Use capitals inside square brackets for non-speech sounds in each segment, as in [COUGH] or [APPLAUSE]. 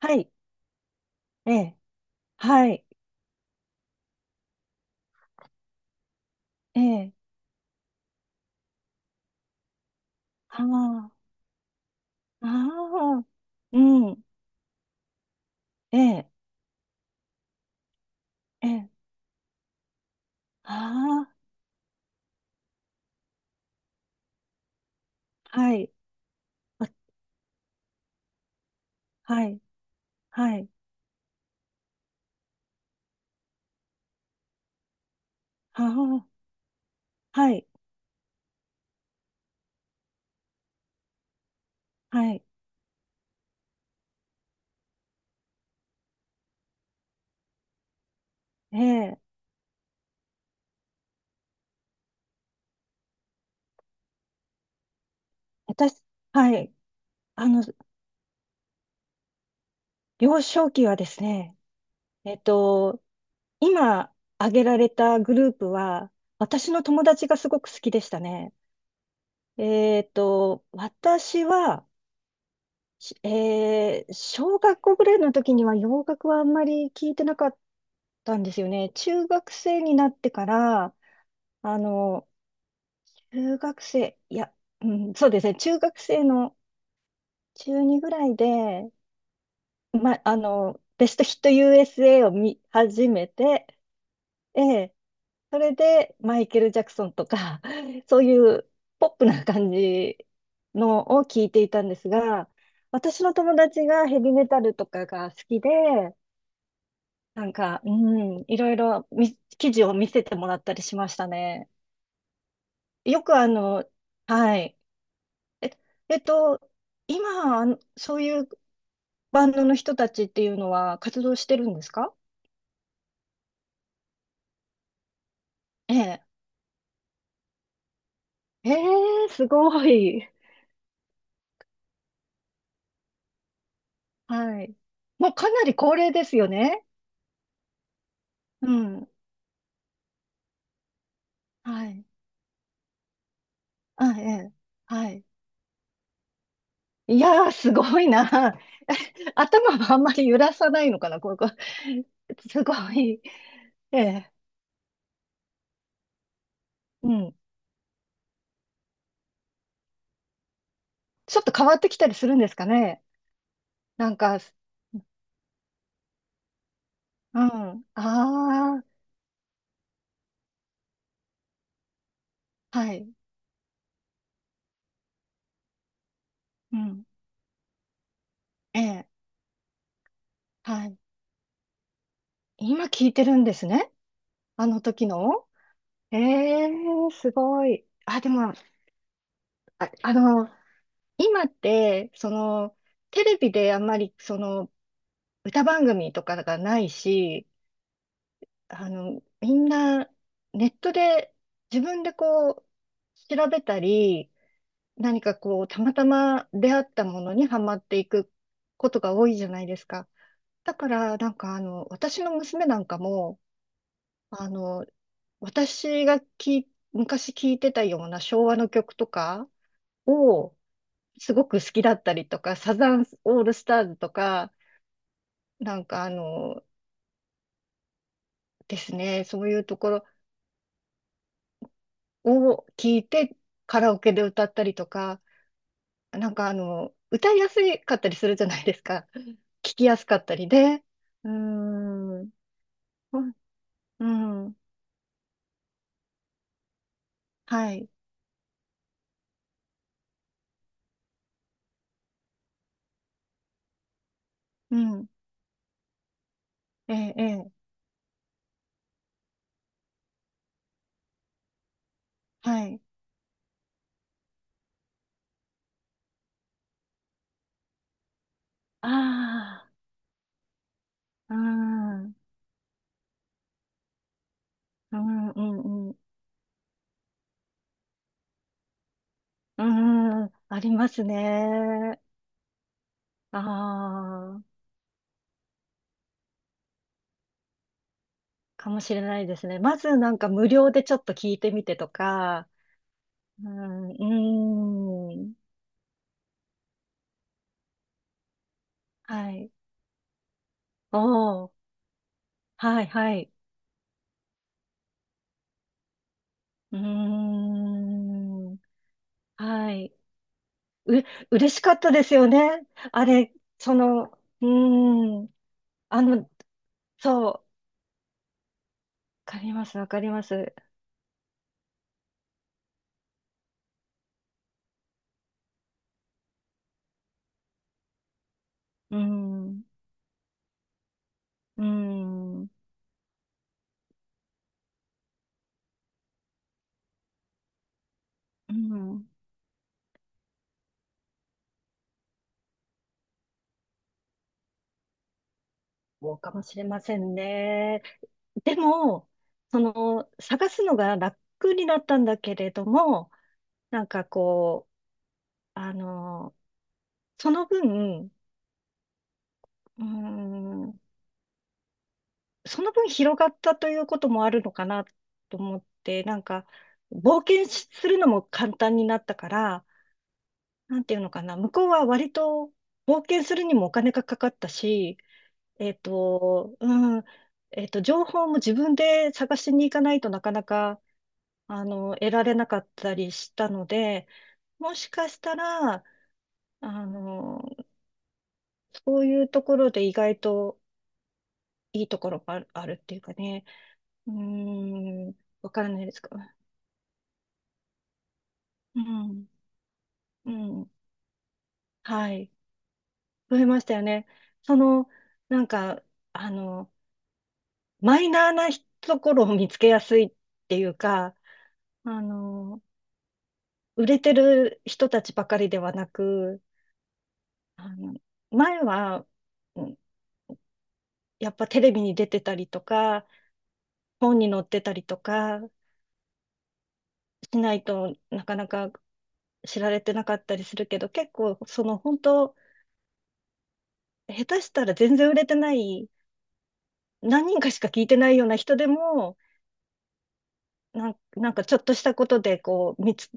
はい。ええ。はい。ええ。ああ。ああ。うん。ええ。ええ。ああ。はい。はい。はい。ああ。はい。はい。ええ。私、はい。あの、幼少期はですね、えっと、今挙げられたグループは、私の友達がすごく好きでしたね。私は、しえー小学校ぐらいの時には洋楽はあんまり聞いてなかったんですよね。中学生になってから、あの、中学生、いや、うん、そうですね、中学生の中2ぐらいで、ま、あの、ベストヒット USA を見始めて、ええ、それでマイケル・ジャクソンとか、[LAUGHS] そういうポップな感じのを聞いていたんですが、私の友達がヘビメタルとかが好きで、なんか、うん、いろいろ記事を見せてもらったりしましたね。よくはい。え、えっと、今、そういうバンドの人たちっていうのは活動してるんですか？ええ。ええ、すごい。はい。もうかなり高齢ですよね。うん。はい。あ、ええ。はい。いやー、すごいな。[LAUGHS] 頭はあんまり揺らさないのかな、こう [LAUGHS] すごい。ええ。うん。ちょっと変わってきたりするんですかね。なんか、うん。ああ、はい。うん。ええ、はい。今聞いてるんですね。あの時の。ええ、すごい。あ、でも、あ、あの、今って、テレビであんまり、歌番組とかがないし、みんな、ネットで自分でこう、調べたり、何かこう、たまたま出会ったものにハマっていくことが多いじゃないですか。だから、私の娘なんかも、あの、私が昔聞いてたような昭和の曲とかをすごく好きだったりとか、サザンオールスターズとか、なんかあの、ですね、そういうところを聞いてカラオケで歌ったりとか、歌いやすかったりするじゃないですか。聞きやすかったりで、うーん、うん、うん、はい、うん、ええ、ええ、はい。ああ、うん、うん、うん、うん、うん、ありますね。ああ、かもしれないですね。まずなんか無料でちょっと聞いてみてとか、うん、うーん、はい。おー、はい、はい。うーん、はい。う、嬉しかったですよね。あれ、うーん、あの、そう、わかります、わかります。うーん、うーん、うーん、そうかもしれませんね。でも、探すのが楽になったんだけれども、なんかこう、あの、その分、うーん、その分広がったということもあるのかなと思って、なんか、冒険するのも簡単になったから、なんていうのかな、向こうは割と冒険するにもお金がかかったし、うん、情報も自分で探しに行かないとなかなか、得られなかったりしたので、もしかしたら、あの、そういうところで意外といいところがある、あるっていうかね、うーん、わからないですか？うん、うん、はい、増えましたよね。その、なんか、あの、マイナーなところを見つけやすいっていうか、あの、売れてる人たちばかりではなく、あの、前は、うんやっぱテレビに出てたりとか、本に載ってたりとかしないとなかなか知られてなかったりするけど、結構、本当、下手したら全然売れてない、何人かしか聞いてないような人でも、なんかちょっとしたことでこう、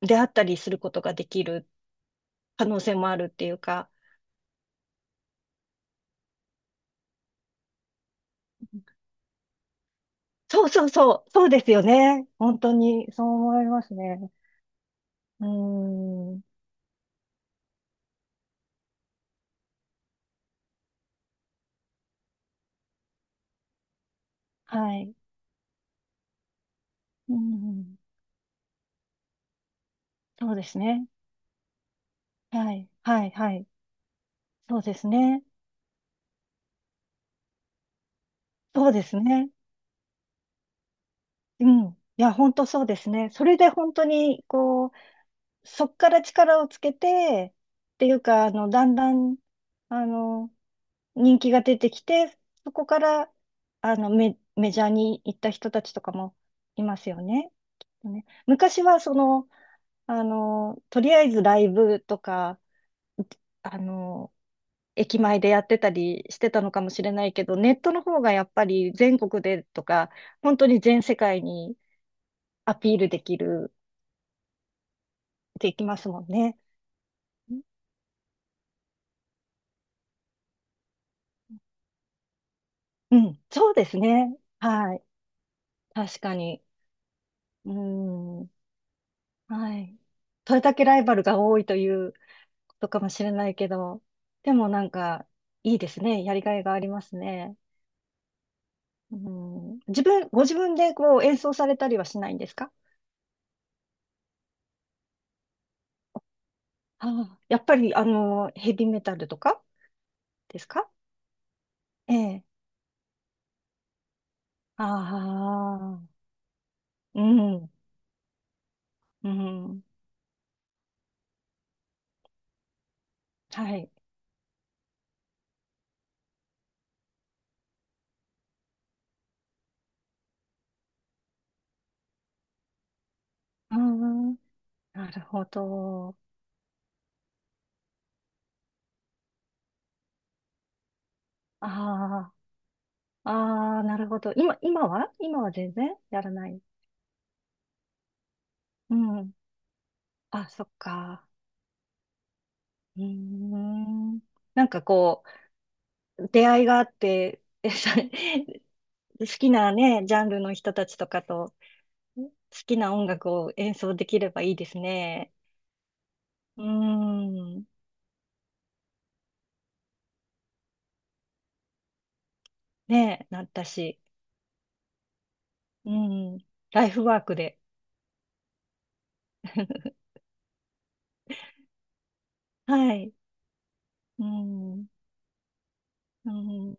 出会ったりすることができる可能性もあるっていうか、そうそうそう、そうですよね。本当に、そう思いますね。うーん、はい。うん、そうですね。はい、はい、はい。そうですね。そうですね。うん。いや、本当そうですね。それで本当に、こう、そっから力をつけて、っていうか、だんだん、あの、人気が出てきて、そこから、メジャーに行った人たちとかもいますよね。きっとね。昔は、とりあえずライブとか、あの、駅前でやってたりしてたのかもしれないけど、ネットの方がやっぱり全国でとか、本当に全世界にアピールできる、できますもんね。うん、そうですね。はい。確かに。うん。はい。それだけライバルが多いというとかもしれないけど、でもなんか、いいですね。やりがいがありますね。うん、ご自分でこう演奏されたりはしないんですか？ああ、やっぱり、ヘビーメタルとかですか？ええ。ああ、うん、うん、はい。うん、なるほど。ああ、ああ、なるほど。今は全然やらない。うん。あ、そっか。うーん。なんかこう、出会いがあって、でそれ好きなね、ジャンルの人たちとかと、好きな音楽を演奏できればいいですね。うーん。ねえ、なったし。うん。ライフワークで。[LAUGHS] はい。うん、うん、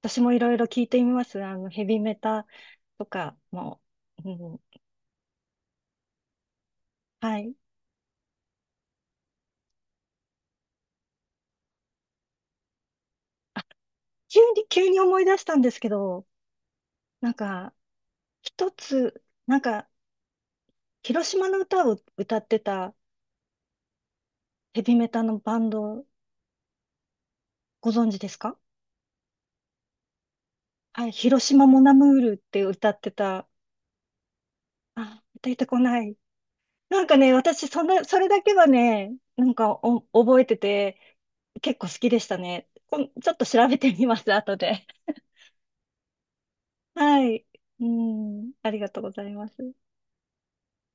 私もいろいろ聞いてみます。ヘビメタとかも。うん。はい。あ、急に、急に思い出したんですけど、なんか、一つ、なんか、広島の歌を歌ってたヘビメタのバンド、ご存知ですか？はい、広島モナムールって歌ってた。あ、歌ってこない。なんかね、私、そんな、それだけはね、なんか覚えてて、結構好きでしたね。ちょっと調べてみます、後で。[LAUGHS] はい。うん、ありがとうございます。